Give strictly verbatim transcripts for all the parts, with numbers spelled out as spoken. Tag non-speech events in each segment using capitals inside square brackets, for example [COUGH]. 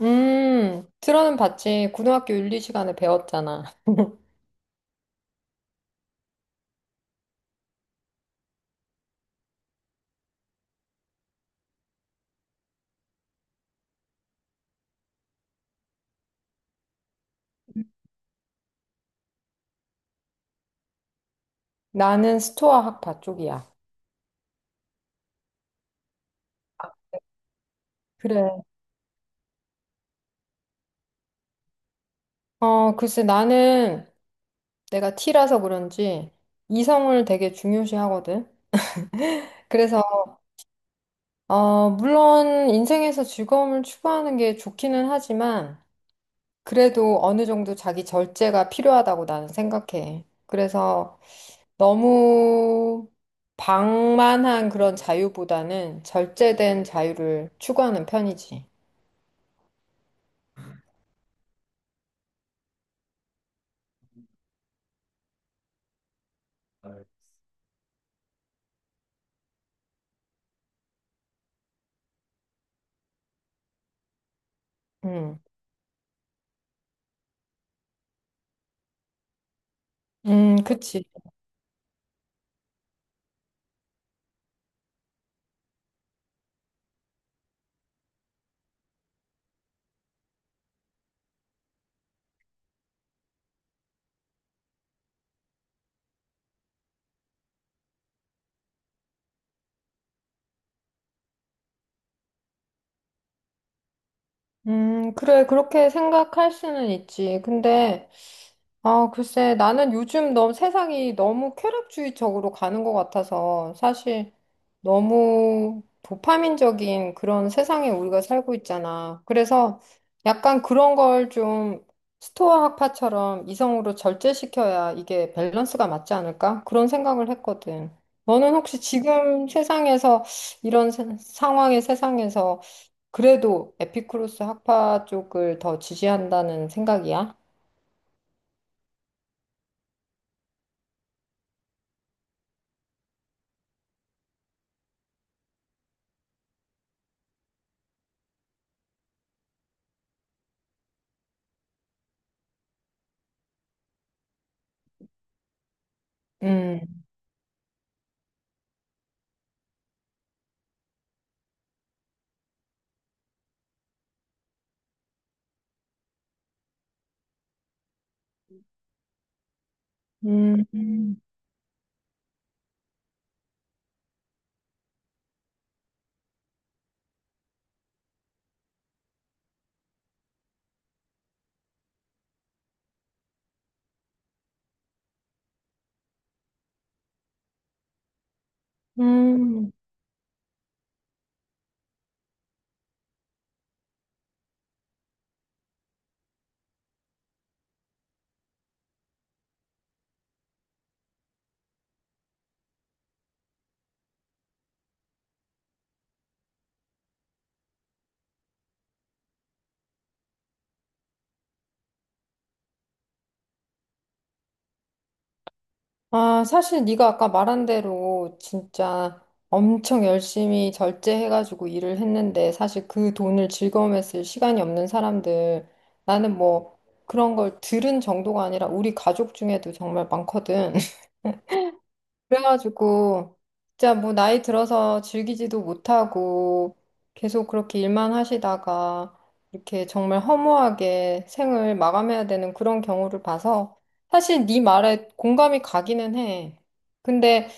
음, 들어는 봤지. 고등학교 윤리 시간에 배웠잖아. 나는 스토아 학파 쪽이야. 그래. 어, 글쎄, 나는 내가 T라서 그런지 이성을 되게 중요시하거든. 그래서, 어, 물론 인생에서 즐거움을 추구하는 게 좋기는 하지만, 그래도 어느 정도 자기 절제가 필요하다고 나는 생각해. 그래서 너무 방만한 그런 자유보다는 절제된 자유를 추구하는 편이지. 음. 음, 그치. 음, 그래, 그렇게 생각할 수는 있지. 근데, 아, 글쎄, 나는 요즘 너무 세상이 너무 쾌락주의적으로 가는 것 같아서 사실 너무 도파민적인 그런 세상에 우리가 살고 있잖아. 그래서 약간 그런 걸 좀 스토아 학파처럼 이성으로 절제시켜야 이게 밸런스가 맞지 않을까? 그런 생각을 했거든. 너는 혹시 지금 세상에서 이런 세- 상황의 세상에서 그래도 에피쿠로스 학파 쪽을 더 지지한다는 생각이야? 음, 음, 음. 음. 아, 사실 네가 아까 말한 대로 진짜 엄청 열심히 절제해가지고 일을 했는데 사실 그 돈을 즐거움에 쓸 시간이 없는 사람들 나는 뭐 그런 걸 들은 정도가 아니라 우리 가족 중에도 정말 많거든. 그래가지고 진짜 뭐 나이 들어서 즐기지도 못하고 계속 그렇게 일만 하시다가 이렇게 정말 허무하게 생을 마감해야 되는 그런 경우를 봐서 사실 네 말에 공감이 가기는 해. 근데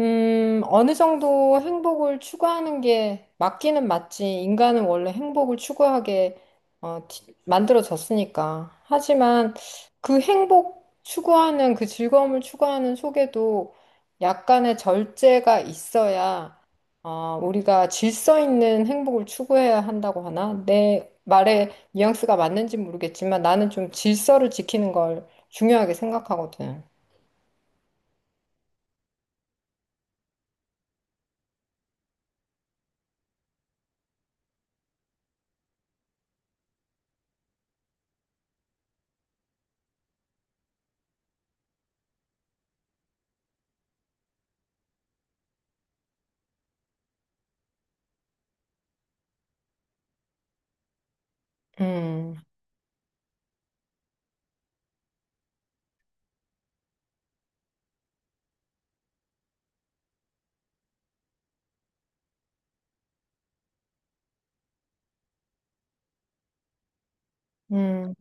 음, 어느 정도 행복을 추구하는 게 맞기는 맞지. 인간은 원래 행복을 추구하게 어, 티- 만들어졌으니까. 하지만 그 행복 추구하는 그 즐거움을 추구하는 속에도 약간의 절제가 있어야 어, 우리가 질서 있는 행복을 추구해야 한다고 하나? 내 말에 뉘앙스가 맞는지 모르겠지만 나는 좀 질서를 지키는 걸 중요하게 생각하거든. 음, 음,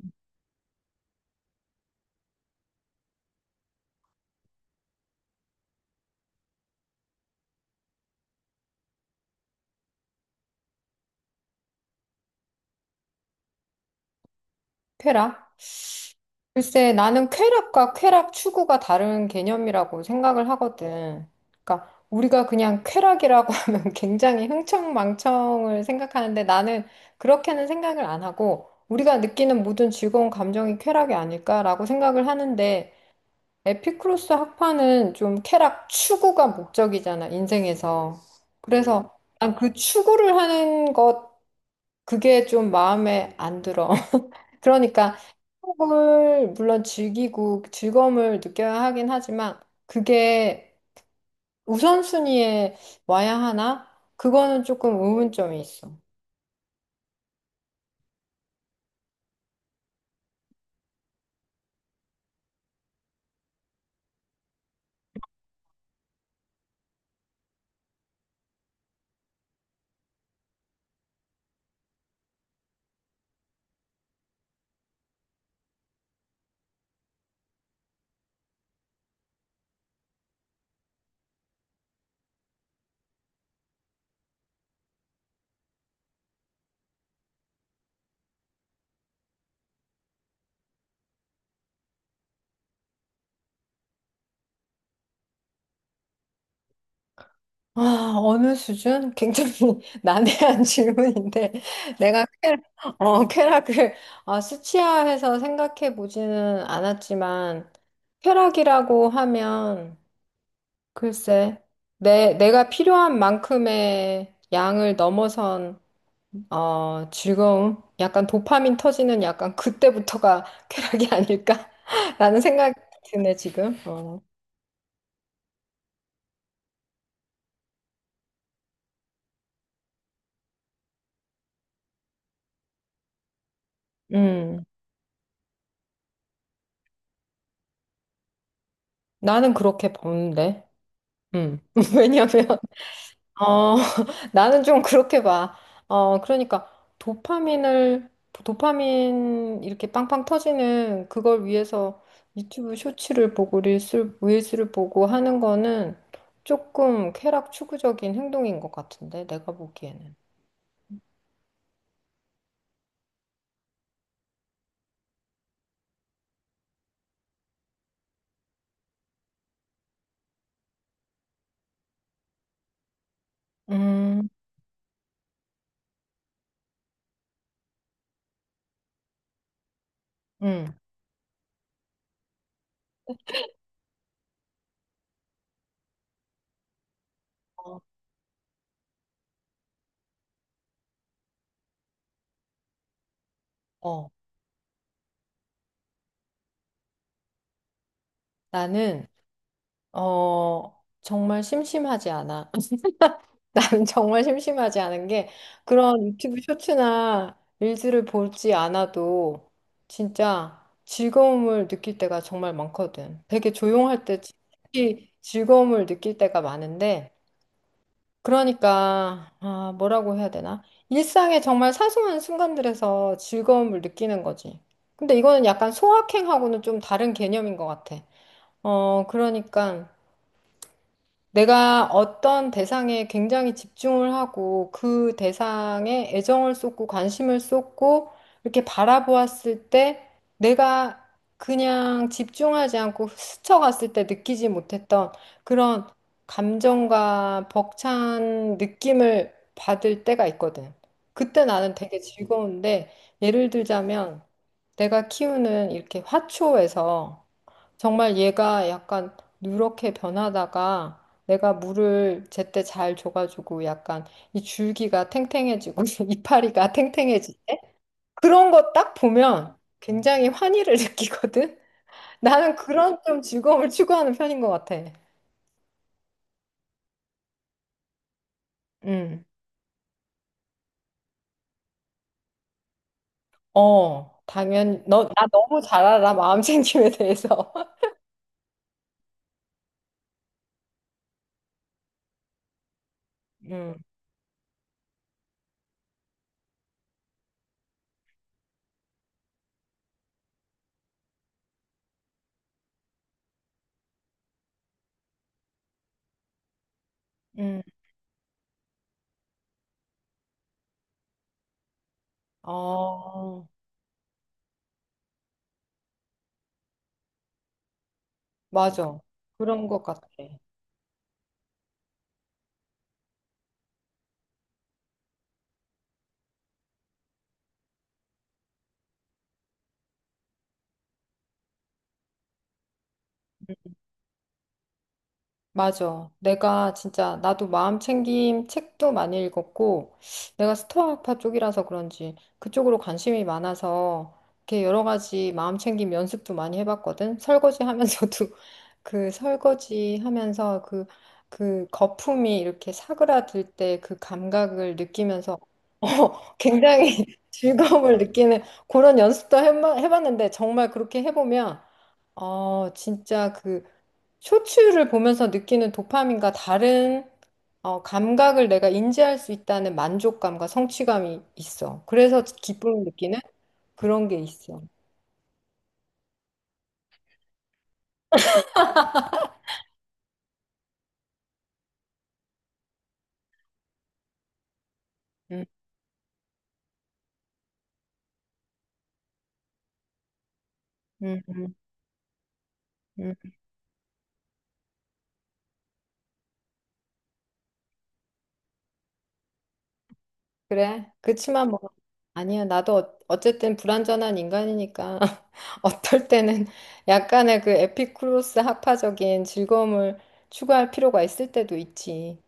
페라? 글쎄, 나는 쾌락과 쾌락 추구가 다른 개념이라고 생각을 하거든. 그러니까 우리가 그냥 쾌락이라고 [LAUGHS] 하면 굉장히 흥청망청을 생각하는데 나는 그렇게는 생각을 안 하고 우리가 느끼는 모든 즐거운 감정이 쾌락이 아닐까라고 생각을 하는데 에피쿠로스 학파는 좀 쾌락 추구가 목적이잖아, 인생에서. 음. 그래서 난 그 추구를 하는 것 그게 좀 마음에 안 들어. 그러니까 행복을 물론 즐기고 즐거움을 느껴야 하긴 하지만 그게 우선순위에 와야 하나? 그거는 조금 의문점이 있어. 아, 어느 수준? 굉장히 [LAUGHS] 난해한 질문인데 내가 쾌, 어, 쾌락을 아, 수치화해서 생각해 보지는 않았지만 쾌락이라고 하면 글쎄 내, 내가 필요한 만큼의 양을 넘어선 어, 즐거움? 약간 도파민 터지는 약간 그때부터가 [LAUGHS] 쾌락이 아닐까? [LAUGHS] 라는 생각이 드네, 지금. 어. 음, 나는 그렇게 보는데. 음. [LAUGHS] 왜냐면, 어, [LAUGHS] 나는 좀 그렇게 봐. 어, 그러니까 도파민을, 도파민 이렇게 빵빵 터지는 그걸 위해서 유튜브 쇼츠를 보고 릴스, 릴스를 보고 하는 거는 조금 쾌락 추구적인 행동인 것 같은데, 내가 보기에는. 음. 응. 어, 어. 나는, 어, 정말 심심하지 않아. [LAUGHS] 나는 정말 심심하지 않은 게 그런 유튜브 쇼츠나 릴즈를 보지 않아도 진짜 즐거움을 느낄 때가 정말 많거든. 되게 조용할 때 특히 즐거움을 느낄 때가 많은데 그러니까, 아, 뭐라고 해야 되나? 일상의 정말 사소한 순간들에서 즐거움을 느끼는 거지. 근데 이거는 약간 소확행하고는 좀 다른 개념인 것 같아. 어, 그러니까 내가 어떤 대상에 굉장히 집중을 하고 그 대상에 애정을 쏟고 관심을 쏟고 이렇게 바라보았을 때 내가 그냥 집중하지 않고 스쳐갔을 때 느끼지 못했던 그런 감정과 벅찬 느낌을 받을 때가 있거든. 그때 나는 되게 즐거운데 예를 들자면 내가 키우는 이렇게 화초에서 정말 얘가 약간 누렇게 변하다가 내가 물을 제때 잘 줘가지고 약간 이 줄기가 탱탱해지고 [LAUGHS] 이파리가 탱탱해지네? 그런 거 딱 보면 굉장히 환희를 [LAUGHS] 느끼거든? 나는 그런 좀 즐거움을 추구하는 편인 것 같아. 응. 어, 당연히. 너, 나 너무 잘 알아. 마음 챙김에 대해서. [LAUGHS] 응, 응. 어, 맞아. 그런 것 같아. 맞아. 내가 진짜 나도 마음 챙김 책도 많이 읽었고 내가 스토아파 쪽이라서 그런지 그쪽으로 관심이 많아서 이렇게 여러 가지 마음 챙김 연습도 많이 해봤거든. 설거지 하면서도 [LAUGHS] 그 설거지 하면서 그, 그 거품이 이렇게 사그라들 때 그 감각을 느끼면서 [LAUGHS] 어, 굉장히 [LAUGHS] 즐거움을 느끼는 그런 연습도 해마- 해봤는데 정말 그렇게 해보면 어, 진짜 그 쇼츠를 보면서 느끼는 도파민과 다른 어, 감각을 내가 인지할 수 있다는 만족감과 성취감이 있어. 그래서 기쁨을 느끼는 그런 게 있어. 음, 음, 음, 음. 그래. 그치만 뭐, 아니야. 나도 어- 어쨌든 불완전한 인간이니까 [LAUGHS] 어떨 때는 약간의 그 에피쿠로스 학파적인 즐거움을 추구할 필요가 있을 때도 있지.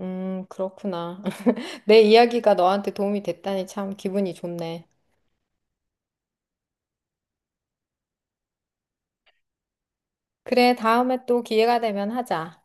음, 그렇구나. [LAUGHS] 내 이야기가 너한테 도움이 됐다니 참 기분이 좋네. 그래, 다음에 또 기회가 되면 하자.